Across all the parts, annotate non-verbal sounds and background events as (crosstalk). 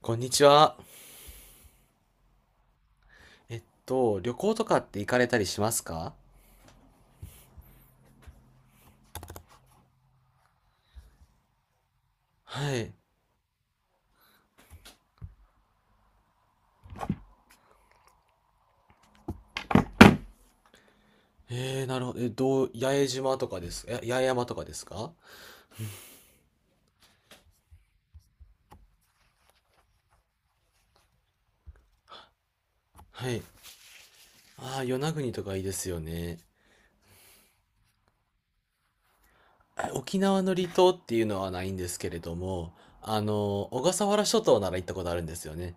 こんにちは。旅行とかって行かれたりしますか？はい。なるほど。え、どう、八重島とかですか。八重山とかですか？はい。ああ、与那国とかいいですよね。あ、沖縄の離島っていうのはないんですけれども、小笠原諸島なら行ったことあるんですよね。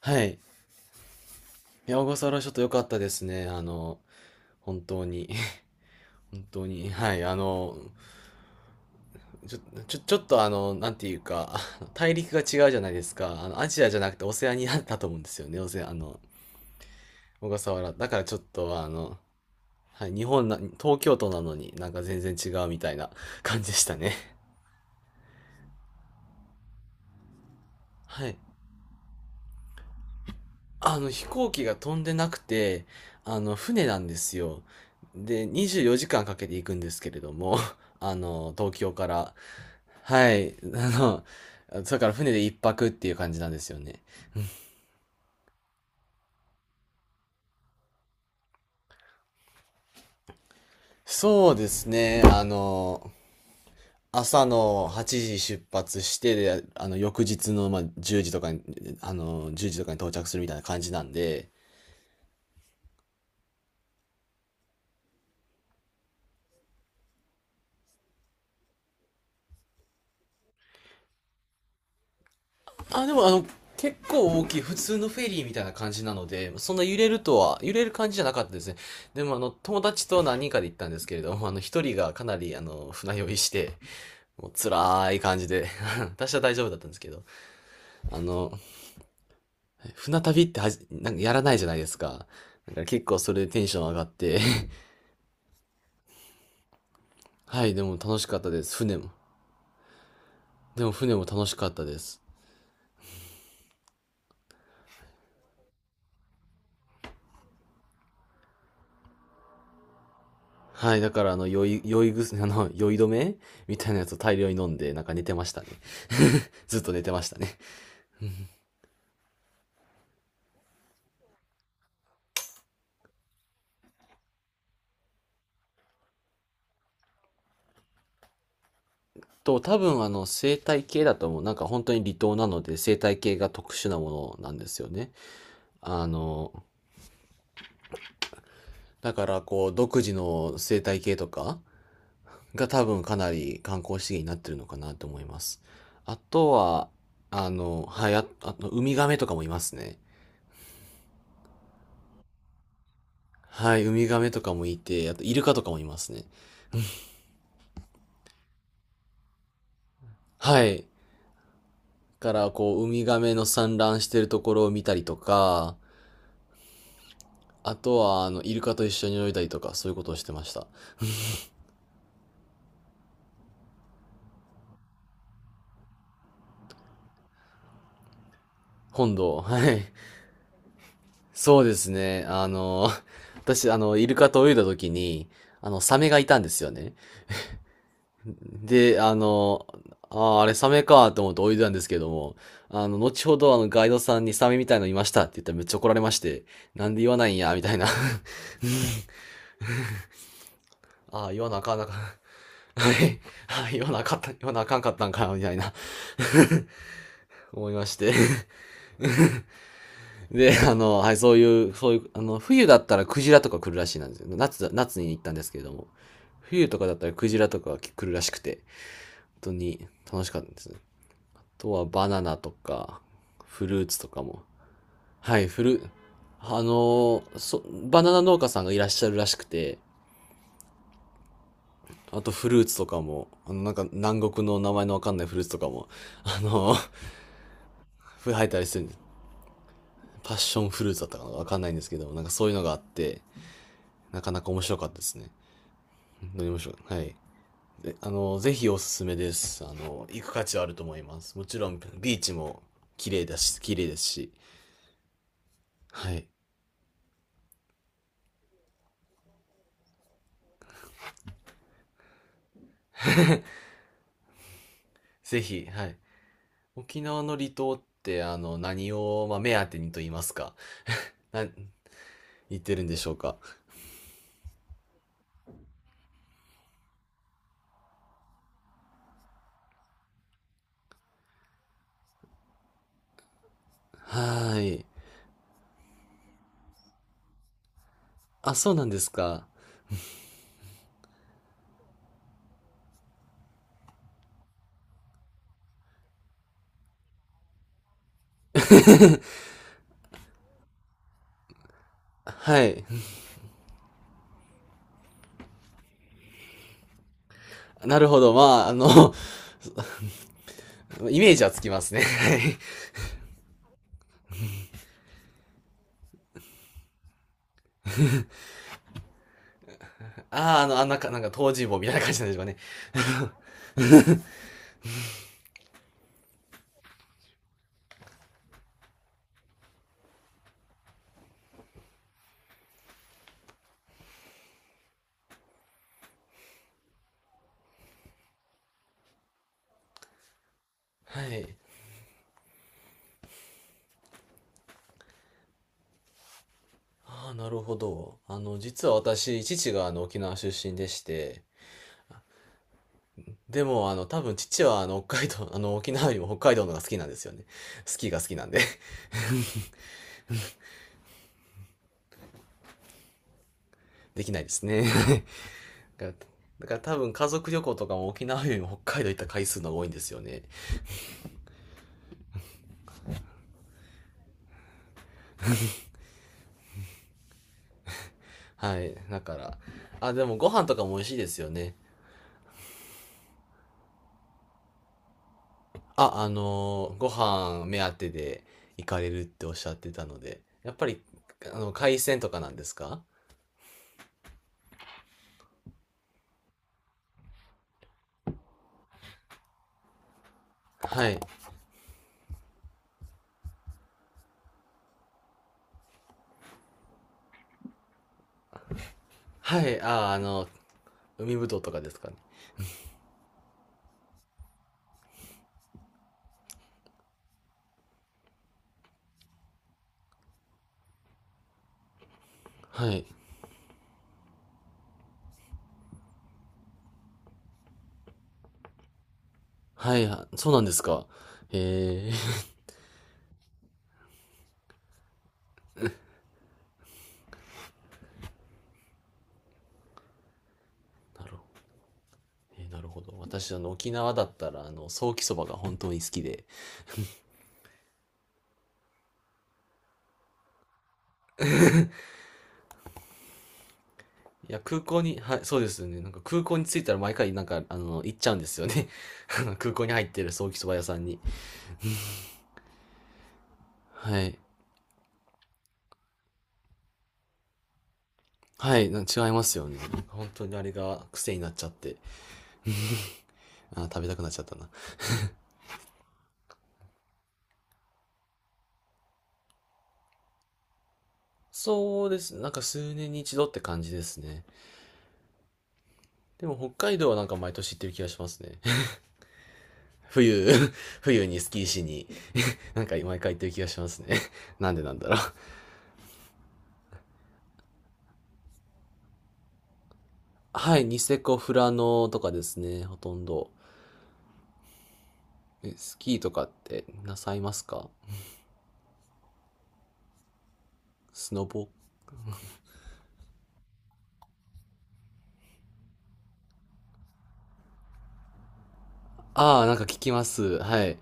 はい。いや、小笠原諸島良かったですね。本当に。(laughs) 本当に。はい。ちょ、ちょっとなんていうか、(laughs) 大陸が違うじゃないですか。アジアじゃなくてオセアニアだと思うんですよね。オセア、あの、小笠原。だからちょっとはい、日本な、東京都なのになんか全然違うみたいな (laughs) 感じでしたね。(laughs) はい。飛行機が飛んでなくて、船なんですよ。で、24時間かけて行くんですけれども、(laughs) あの、東京から。はい。だから船で一泊っていう感じなんですよね。そうですね。朝の8時出発して、で、翌日の、まあ、10時とかに、到着するみたいな感じなんで、あ、でも、結構大きい、普通のフェリーみたいな感じなので、そんな揺れるとは、揺れる感じじゃなかったですね。でも、友達と何人かで行ったんですけれども、一人がかなり、船酔いして、もう辛い感じで、(laughs) 私は大丈夫だったんですけど、あの、船旅ってはじ、なんかやらないじゃないですか。だから結構それでテンション上がって、(laughs) はい、でも楽しかったです。船も。でも船も楽しかったです。はい、だからあの、酔い、酔いぐす、(laughs) あの、酔い止めみたいなやつを大量に飲んで、なんか寝てましたね。(laughs) ずっと寝てましたね。多分生態系だと思う。なんか本当に離島なので、生態系が特殊なものなんですよね。あの、だからこう、独自の生態系とかが多分かなり観光資源になってるのかなと思います。あとは、はい、ああと、ウミガメとかもいますね。はい、ウミガメとかもいて、あと、イルカとかもいますね。はい。からこうウミガメの産卵してるところを見たりとか、あとはあのイルカと一緒に泳いだりとかそういうことをしてました。はい。そうですね。私あのイルカと泳いだ時に、あのサメがいたんですよね。で、あの、あーあれサメかと思って泳いでたんですけども、後ほどあのガイドさんにサメみたいのいましたって言ったらめっちゃ怒られまして、なんで言わないんや、みたいな。(laughs) ああ、言わなあかんなあかん。はい。(laughs) はい。言わなあかんかったんかな、みたいな (laughs) 思いまして。(laughs) で、はい、そういう、冬だったらクジラとか来るらしいなんですよ。夏に行ったんですけれども。冬とかだったらクジラとかが来るらしくて、本当に楽しかったんです。あとはバナナとか、フルーツとかも。はい、フル、あの、そ、バナナ農家さんがいらっしゃるらしくて、あとフルーツとかも、なんか南国の名前のわかんないフルーツとかも、あの、(laughs) 生えたりするんです。パッションフルーツだったかなわかんないんですけど、なんかそういうのがあって、なかなか面白かったですね。本当に面白い。はい。でぜひおすすめです。行く価値はあると思います。もちろん、ビーチも綺麗だし、綺麗ですし。はい。ぜひ、はい。沖縄の離島って、何を、まあ、目当てにと言いますか。な、言ってるんでしょうか。はーい。あ、そうなんですか。はい。なるほど。まあ、イメージはつきますね。はい。ああ、あの、あんなか、なんか、東尋坊みたいな感じなんでしょうかね。はい。ああ、なるほど。実は私、父があの沖縄出身でして、でも、多分父はあの北海道、(laughs) あの沖縄よりも北海道の方が好きなんですよね。スキーが好きなんで (laughs) できないですね。(laughs) だから、だから多分家族旅行とかも沖縄よりも北海道行った回数の方が多いんですよね。はい。だから、あ、でもご飯とかも美味しいですよね。あ、あのーご飯目当てで行かれるっておっしゃってたので、やっぱり、海鮮とかなんですか？はい。はい。海ぶどうとかですかね。はい。はい、あ、そうなんですか。えー、(laughs) なるほど。えー、なるほど。私、沖縄だったら、ソーキそばが本当に好きで。いや、空港に、はい、そうですよね。なんか空港に着いたら毎回、なんか、行っちゃうんですよね。(laughs) あの空港に入ってるソーキそば屋さんに。はい。はい、違いますよね。本当にあれが癖になっちゃって、あー、食べたくなっちゃったな。そうです。なんか数年に一度って感じですね。でも北海道はなんか毎年行ってる気がしますね。冬、(laughs) 冬にスキーしに、なんか毎回行ってる気がしますね。(laughs) なんでなんだろう。はい、ニセコ、富良野とかですね、ほとんど。え、スキーとかってなさいますか？スノボ。ああ、なんか聞きます。はい。へ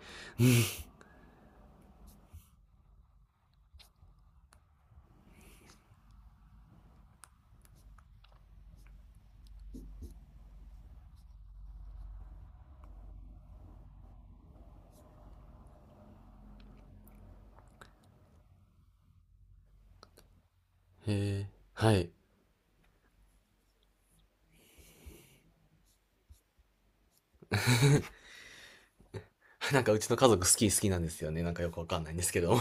え、はい。(laughs) なんかうちの家族スキー好きなんですよね。なんかよくわかんないんですけど。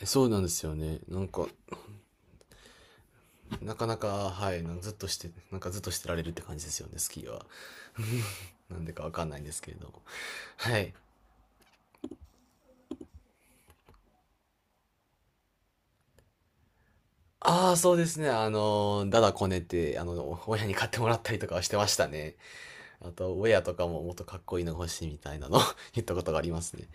え、そうなんですよね。なんか、なかなか、はい、なんかずっとしてられるって感じですよね、スキーは。なんでかわかんないんですけれども。はい。ああ、そうですね。だだこねて、親に買ってもらったりとかはしてましたね。あと、ウェアとかももっとかっこいいの欲しいみたいなの (laughs) 言ったことがありますね。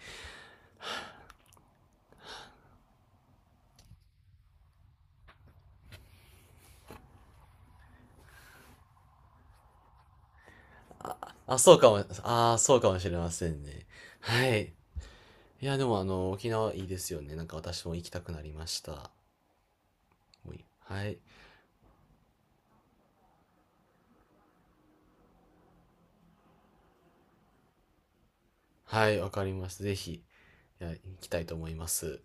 あ、そうかも、ああ、そうかもしれませんね。はい。いや、でもあの、沖縄いいですよね。なんか私も行きたくなりました。もういはい。はい、わかります。ぜひ、いや、行きたいと思います。